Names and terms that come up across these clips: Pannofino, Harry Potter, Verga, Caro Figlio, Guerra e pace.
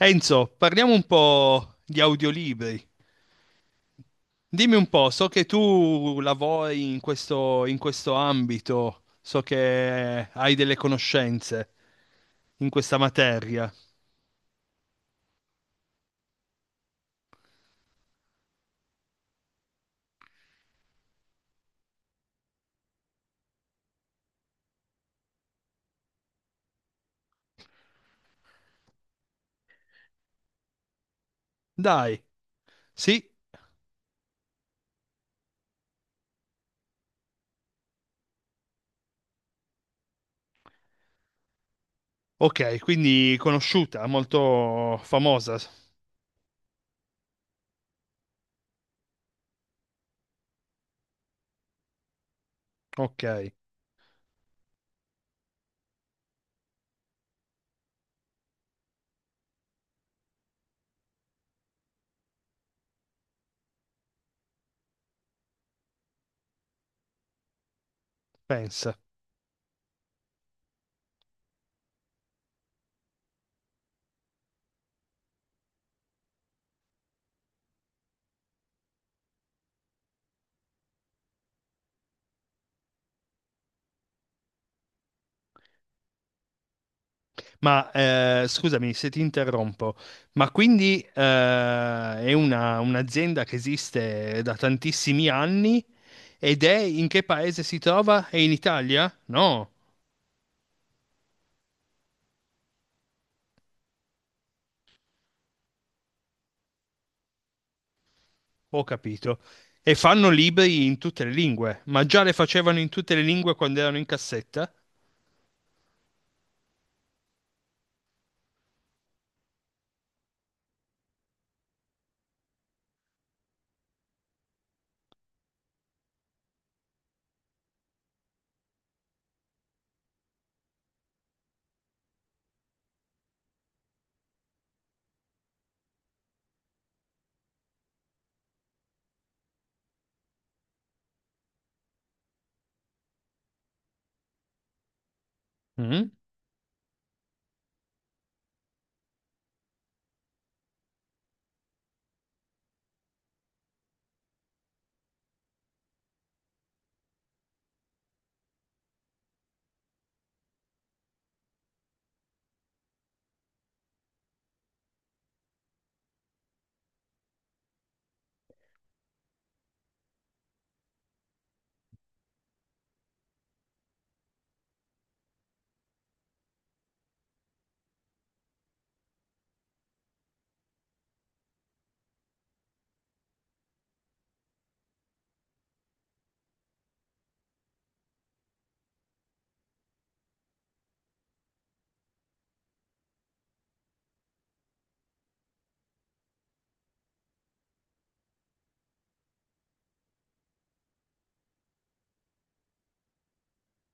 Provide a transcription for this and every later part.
Enzo, parliamo un po' di audiolibri. Dimmi un po', so che tu lavori in questo ambito, so che hai delle conoscenze in questa materia. Dai, sì, ok, quindi conosciuta, molto famosa. Ok, pensa. Ma scusami se ti interrompo, ma quindi è un'azienda che esiste da tantissimi anni. Ed è in che paese si trova? È in Italia? No, ho capito. E fanno libri in tutte le lingue, ma già le facevano in tutte le lingue quando erano in cassetta? Mm,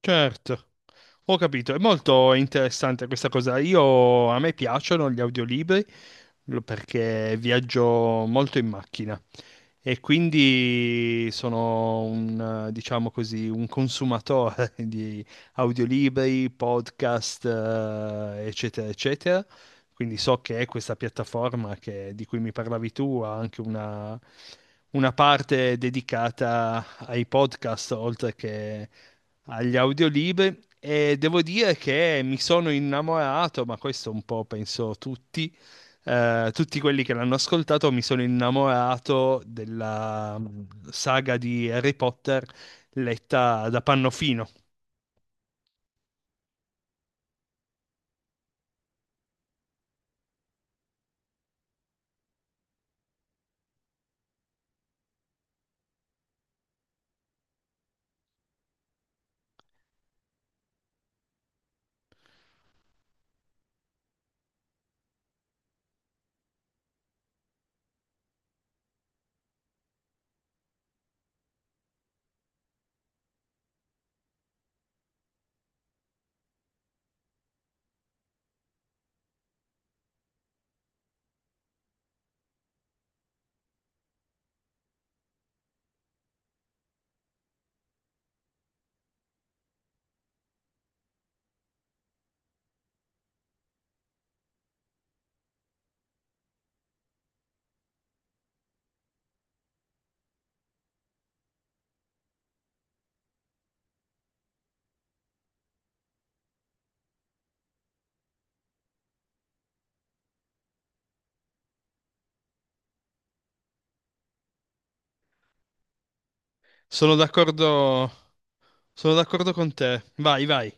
certo, ho capito. È molto interessante questa cosa. Io, a me piacciono gli audiolibri perché viaggio molto in macchina. E quindi sono diciamo così, un consumatore di audiolibri, podcast, eccetera, eccetera. Quindi so che questa piattaforma di cui mi parlavi tu ha anche una parte dedicata ai podcast, oltre che agli audiolibri, e devo dire che mi sono innamorato, ma questo un po' penso tutti, tutti quelli che l'hanno ascoltato. Mi sono innamorato della saga di Harry Potter letta da Pannofino. Sono d'accordo, sono d'accordo con te. Vai, vai.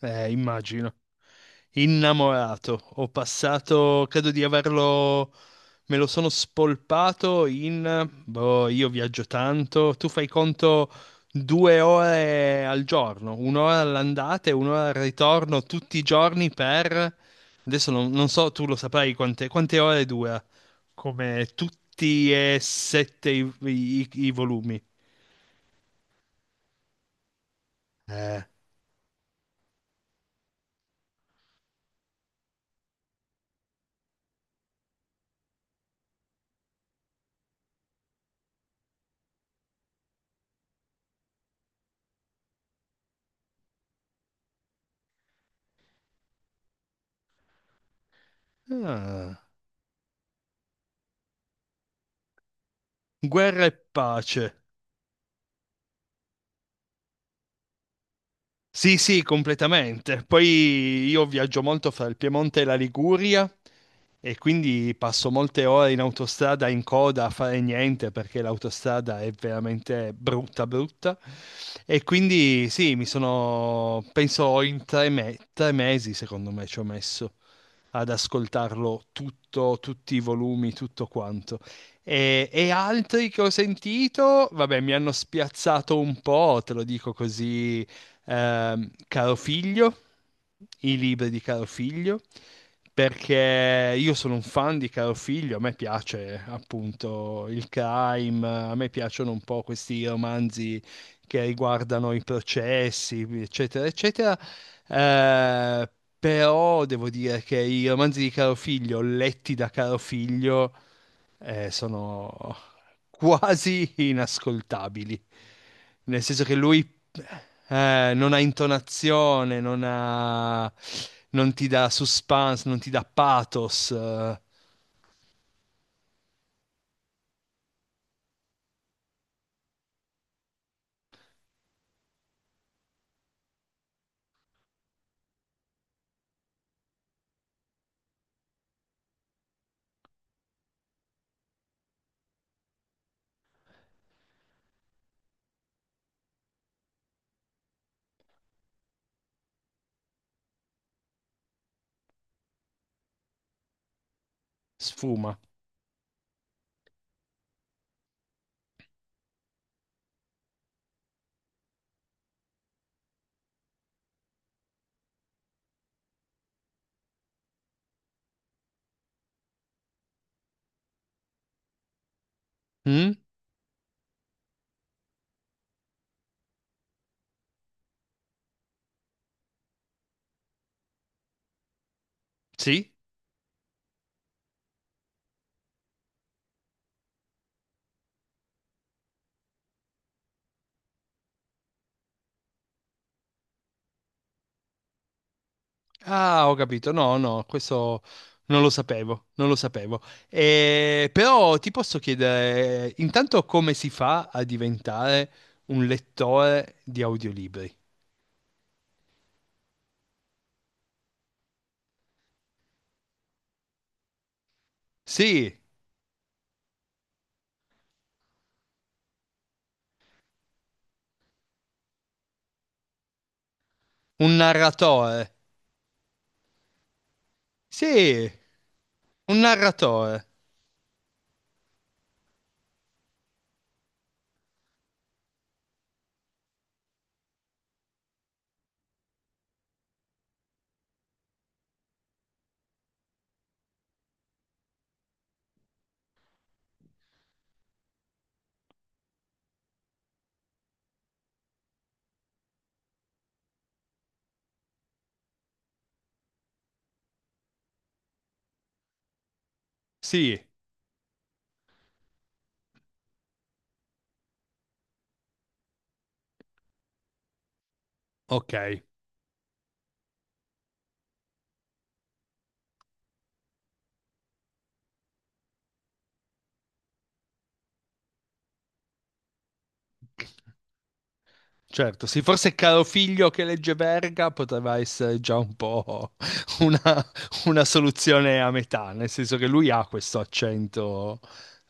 Immagino. Innamorato. Ho passato, credo di averlo, me lo sono spolpato in, boh, io viaggio tanto, tu fai conto 2 ore al giorno, 1 ora all'andata e 1 ora al ritorno tutti i giorni per, adesso non so, tu lo saprai quante ore dura, come tutti e sette i volumi. Eh. Ah. Guerra e pace. Sì, sì, completamente. Poi io viaggio molto fra il Piemonte e la Liguria e quindi passo molte ore in autostrada in coda a fare niente, perché l'autostrada è veramente brutta, brutta. E quindi sì, mi sono, penso in tre mesi, secondo me, ci ho messo ad ascoltarlo tutto, tutti i volumi, tutto quanto. E altri che ho sentito, vabbè, mi hanno spiazzato un po', te lo dico così. Caro Figlio, i libri di Caro Figlio, perché io sono un fan di Caro Figlio, a me piace appunto il crime, a me piacciono un po' questi romanzi che riguardano i processi, eccetera, eccetera. Eh, Però devo dire che i romanzi di Caro Figlio, letti da Caro Figlio, sono quasi inascoltabili, nel senso che lui non ha intonazione, non ha, non ti dà suspense, non ti dà pathos, sfuma. Mm? Sì? Ah, ho capito. No, no, questo non lo sapevo, non lo sapevo. Però ti posso chiedere, intanto come si fa a diventare un lettore di audiolibri? Sì, un narratore. Sì, un narratore. Sì, ok. Certo, sì, forse Caro Figlio che legge Verga poteva essere già un po' una, una soluzione a metà, nel senso che lui ha questo accento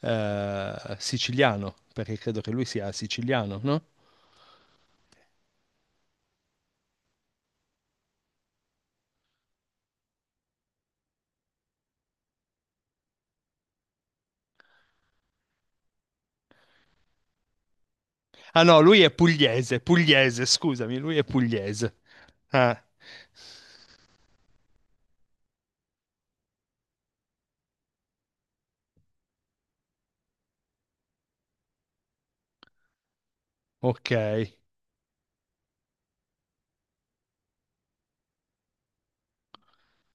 siciliano, perché credo che lui sia siciliano, no? Ah no, lui è pugliese, pugliese, scusami, lui è pugliese. Ah, ok.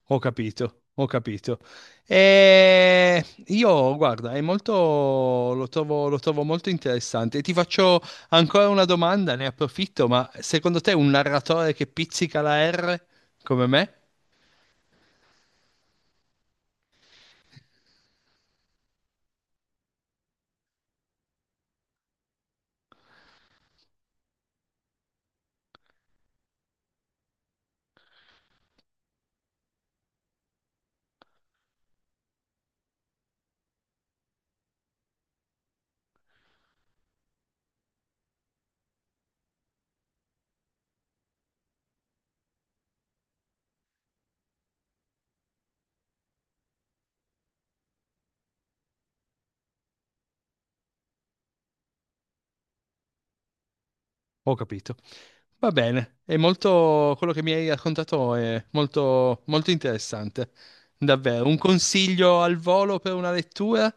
Ho capito, ho capito. E io, guarda, è molto, lo trovo molto interessante. Ti faccio ancora una domanda, ne approfitto, ma secondo te un narratore che pizzica la R come me? Ho capito. Va bene, è molto, quello che mi hai raccontato è molto, molto interessante. Davvero, un consiglio al volo per una lettura?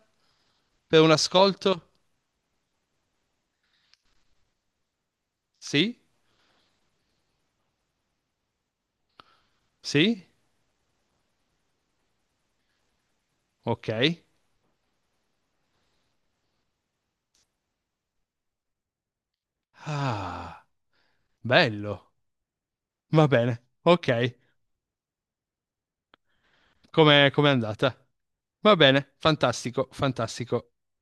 Per un ascolto? Sì? Sì? Ok. Ah, bello. Va bene, ok, come è andata? Va bene, fantastico, fantastico.